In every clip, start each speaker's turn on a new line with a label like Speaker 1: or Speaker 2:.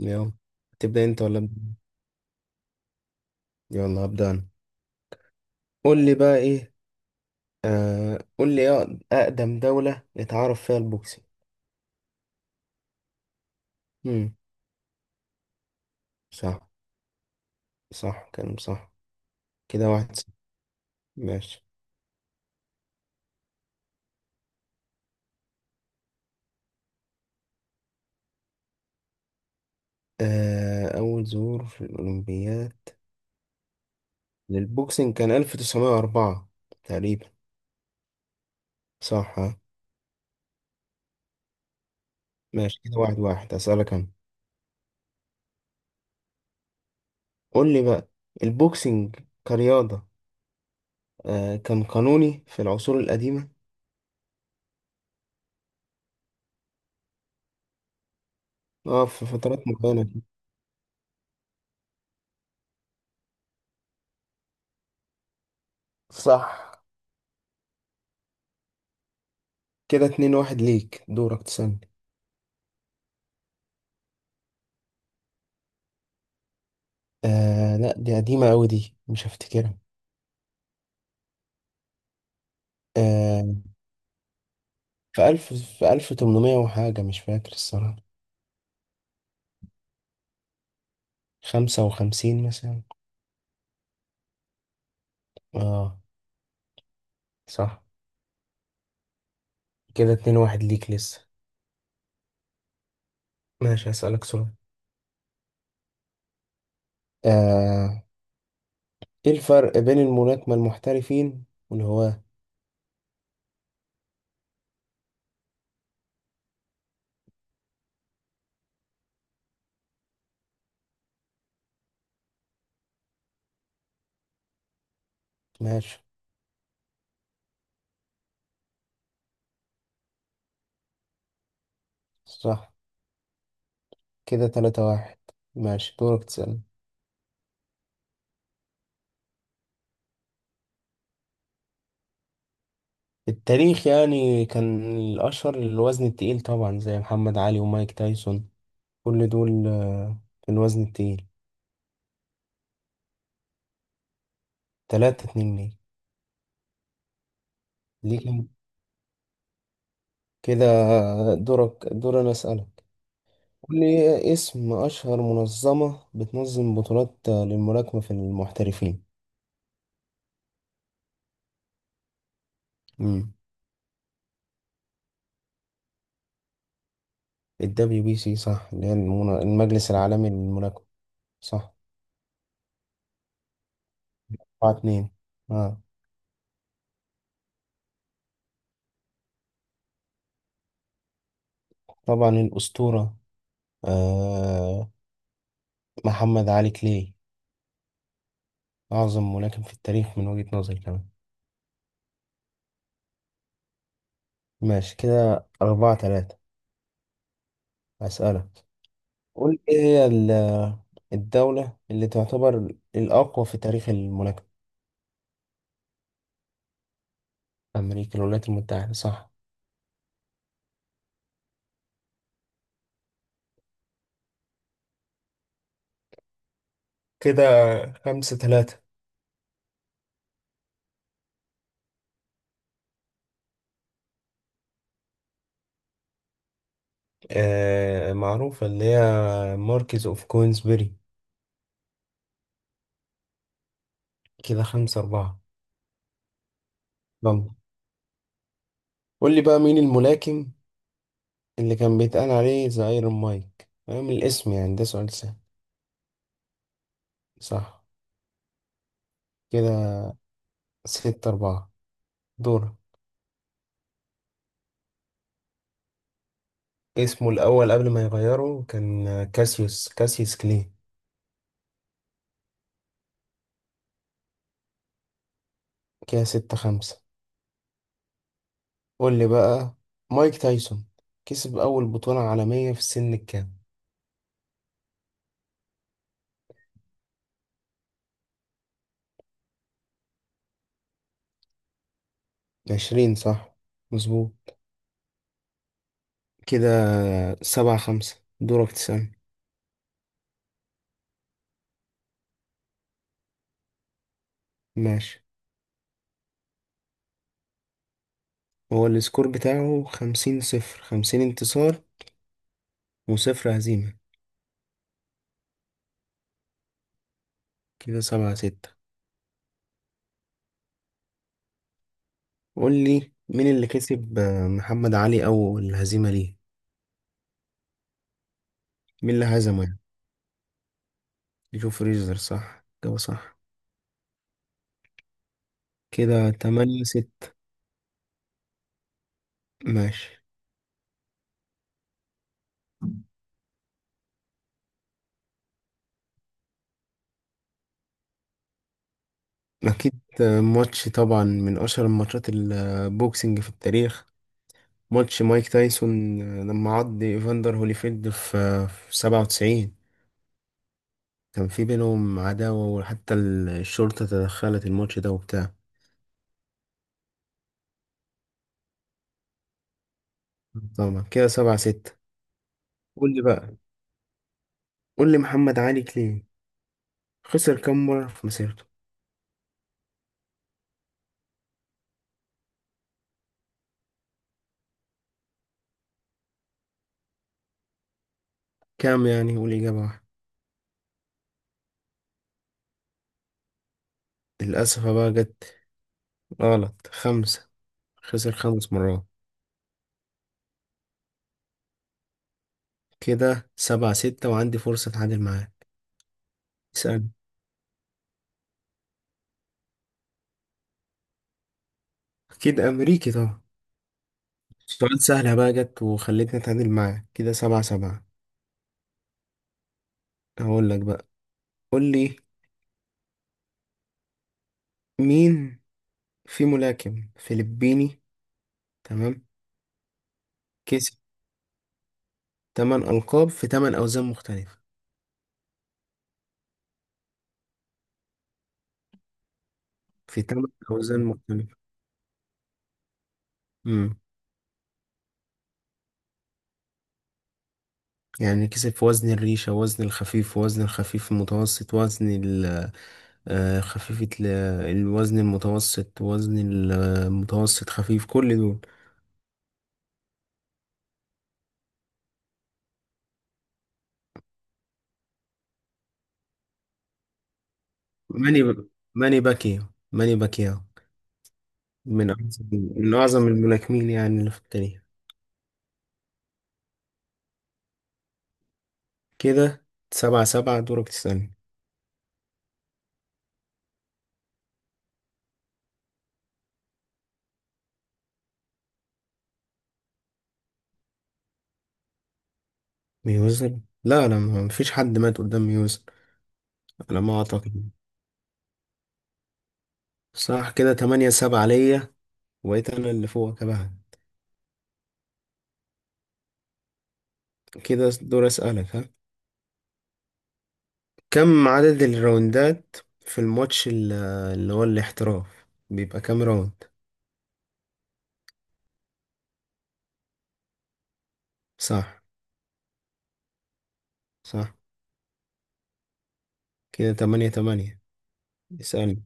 Speaker 1: يلا، تبدأ انت ولا أبدأ؟ يلا هبدأ انا. قول لي بقى ايه. قول لي ايه أقدم دولة اتعرف فيها البوكسنج. امم صح، صح كلام صح. كده واحد صفر. ماشي. أول ظهور في الأولمبياد للبوكسنج كان 1904 تقريبا. صح ها؟ ماشي، كده واحد واحد، أسألك أنا. قول لي بقى، البوكسنج كرياضة، كان قانوني في العصور القديمة. اه في فترات معينة كده. صح، كده اتنين واحد ليك. دورك تسألني. لا، دي قديمة أوي، دي مش هفتكرها. آه في ألف تمنمية وحاجة، مش فاكر الصراحة. خمسة وخمسين مثلا. اه صح، كده اتنين واحد ليك لسه. ماشي، هسألك سؤال. آه ايه الفرق بين الملاكمة المحترفين والهواة. ماشي، صح، كده تلاتة واحد. ماشي دورك تسألني. التاريخ يعني كان الأشهر الوزن التقيل، طبعا زي محمد علي ومايك تايسون، كل دول في الوزن التقيل. تلاتة اتنين. ليه ليه؟ كده كده. دورك، دور أنا أسألك. قول لي، إيه اسم أشهر منظمة بتنظم بطولات للملاكمة في المحترفين. امم الدبليو بي سي، صح، اللي هي المجلس العالمي للملاكمة. صح، أربعة اتنين. آه. طبعا الأسطورة، آه. محمد علي كلاي، أعظم ملاكم في التاريخ من وجهة نظري كمان. ماشي، كده أربعة تلاتة. أسألك، قول ايه هي الدولة اللي تعتبر الأقوى في تاريخ الملاكمة. أمريكا، الولايات المتحدة، صح. كده خمسة ثلاثة. معروفة، اللي هي ماركيز أوف كوينزبري. كده خمسة أربعة. يلا قول لي بقى، مين الملاكم اللي كان بيتقال عليه ذا ايرون مايك، فاهم الاسم يعني، ده سؤال سهل. صح. كده ستة أربعة. دور. اسمه الأول قبل ما يغيره كان كاسيوس كلي. كده ستة خمسة. قول لي بقى، مايك تايسون كسب أول بطولة عالمية في السن الكام؟ عشرين، صح، مظبوط. كده سبعة خمسة. دورك تسألني. ماشي. هو السكور بتاعه خمسين صفر، خمسين انتصار وصفر هزيمة. كده سبعة ستة. قول لي مين اللي كسب، محمد علي أول هزيمة ليه؟ مين اللي هزمه يعني؟ جو فريزر، صح، جوه صح. كده تمانية ستة. ماشي. أكيد، ماتش طبعا من أشهر الماتشات البوكسنج في التاريخ، ماتش مايك تايسون لما عض ايفاندر هوليفيلد في 97. كان في بينهم عداوة، وحتى الشرطة تدخلت الماتش ده وبتاع. طبعا. كده سبعة ستة. قول لي بقى. قول لي محمد علي كلين خسر كام مرة في مسيرته. كام يعني، قول إجابة واحدة. للأسف بقى جت غلط، خمسة، خسر خمس مرات. كده سبعة ستة، وعندي فرصة أتعادل معاه. اسأل. أكيد، أمريكي طبعا. سؤال سهلة بقى جت وخلتني أتعادل معاه. كده سبعة سبعة. هقول لك بقى، قول لي مين في ملاكم فلبيني، تمام، كسب 8 ألقاب في 8 أوزان مختلفة. في 8 أوزان مختلفة. امم يعني كسب في وزن الريشة، وزن الخفيف، وزن الخفيف المتوسط، آه، خفيفة ال- الوزن المتوسط، وزن المتوسط خفيف، كل دول. ماني ب... ماني باكيو، ماني باكيو. من أعظم الملاكمين يعني اللي في التاريخ. كده سبعة سبعة. دورك تسألني. ميوزن، لا لا، ما فيش حد مات قدام ميوزن على ما اعتقد. صح. كده تمانية سبعة ليا، وبقيت انا اللي فوقك بقى. كده دور اسألك، ها. كم عدد الراوندات في اللي هو الاحتراف بيبقى كام راوند. صح، صح. كده تمانية تمانية. اسألني.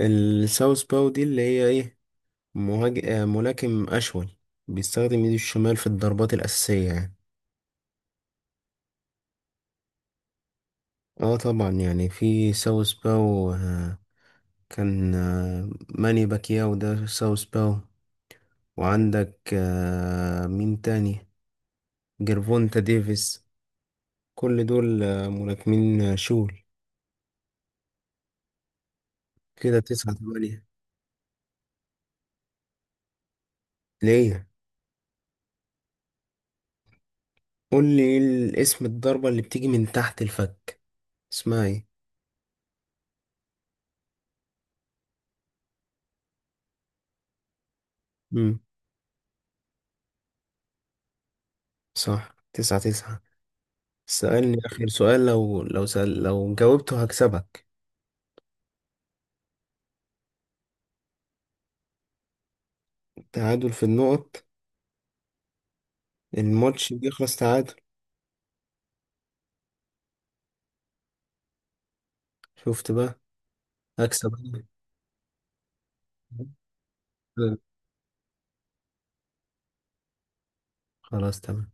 Speaker 1: الساوث باو دي اللي هي ايه، مهاج... آه، ملاكم اشول بيستخدم ايده الشمال في الضربات الاساسية يعني. اه طبعا، يعني في ساوث باو، آه، كان آه، ماني باكياو ده ساوث باو، وعندك مين تاني، جيرفونتا ديفيس، كل دول ملاكمين شول. كده تسعة تمانية. ليه؟ قول لي، إيه الاسم الضربة اللي بتيجي من تحت الفك، اسمها ايه؟ مم. صح، تسعة تسعة. سألني آخر سؤال، لو سأل لو جاوبته هكسبك. تعادل في النقط، الماتش بيخلص تعادل. شفت بقى؟ هكسب أنا. خلاص تمام.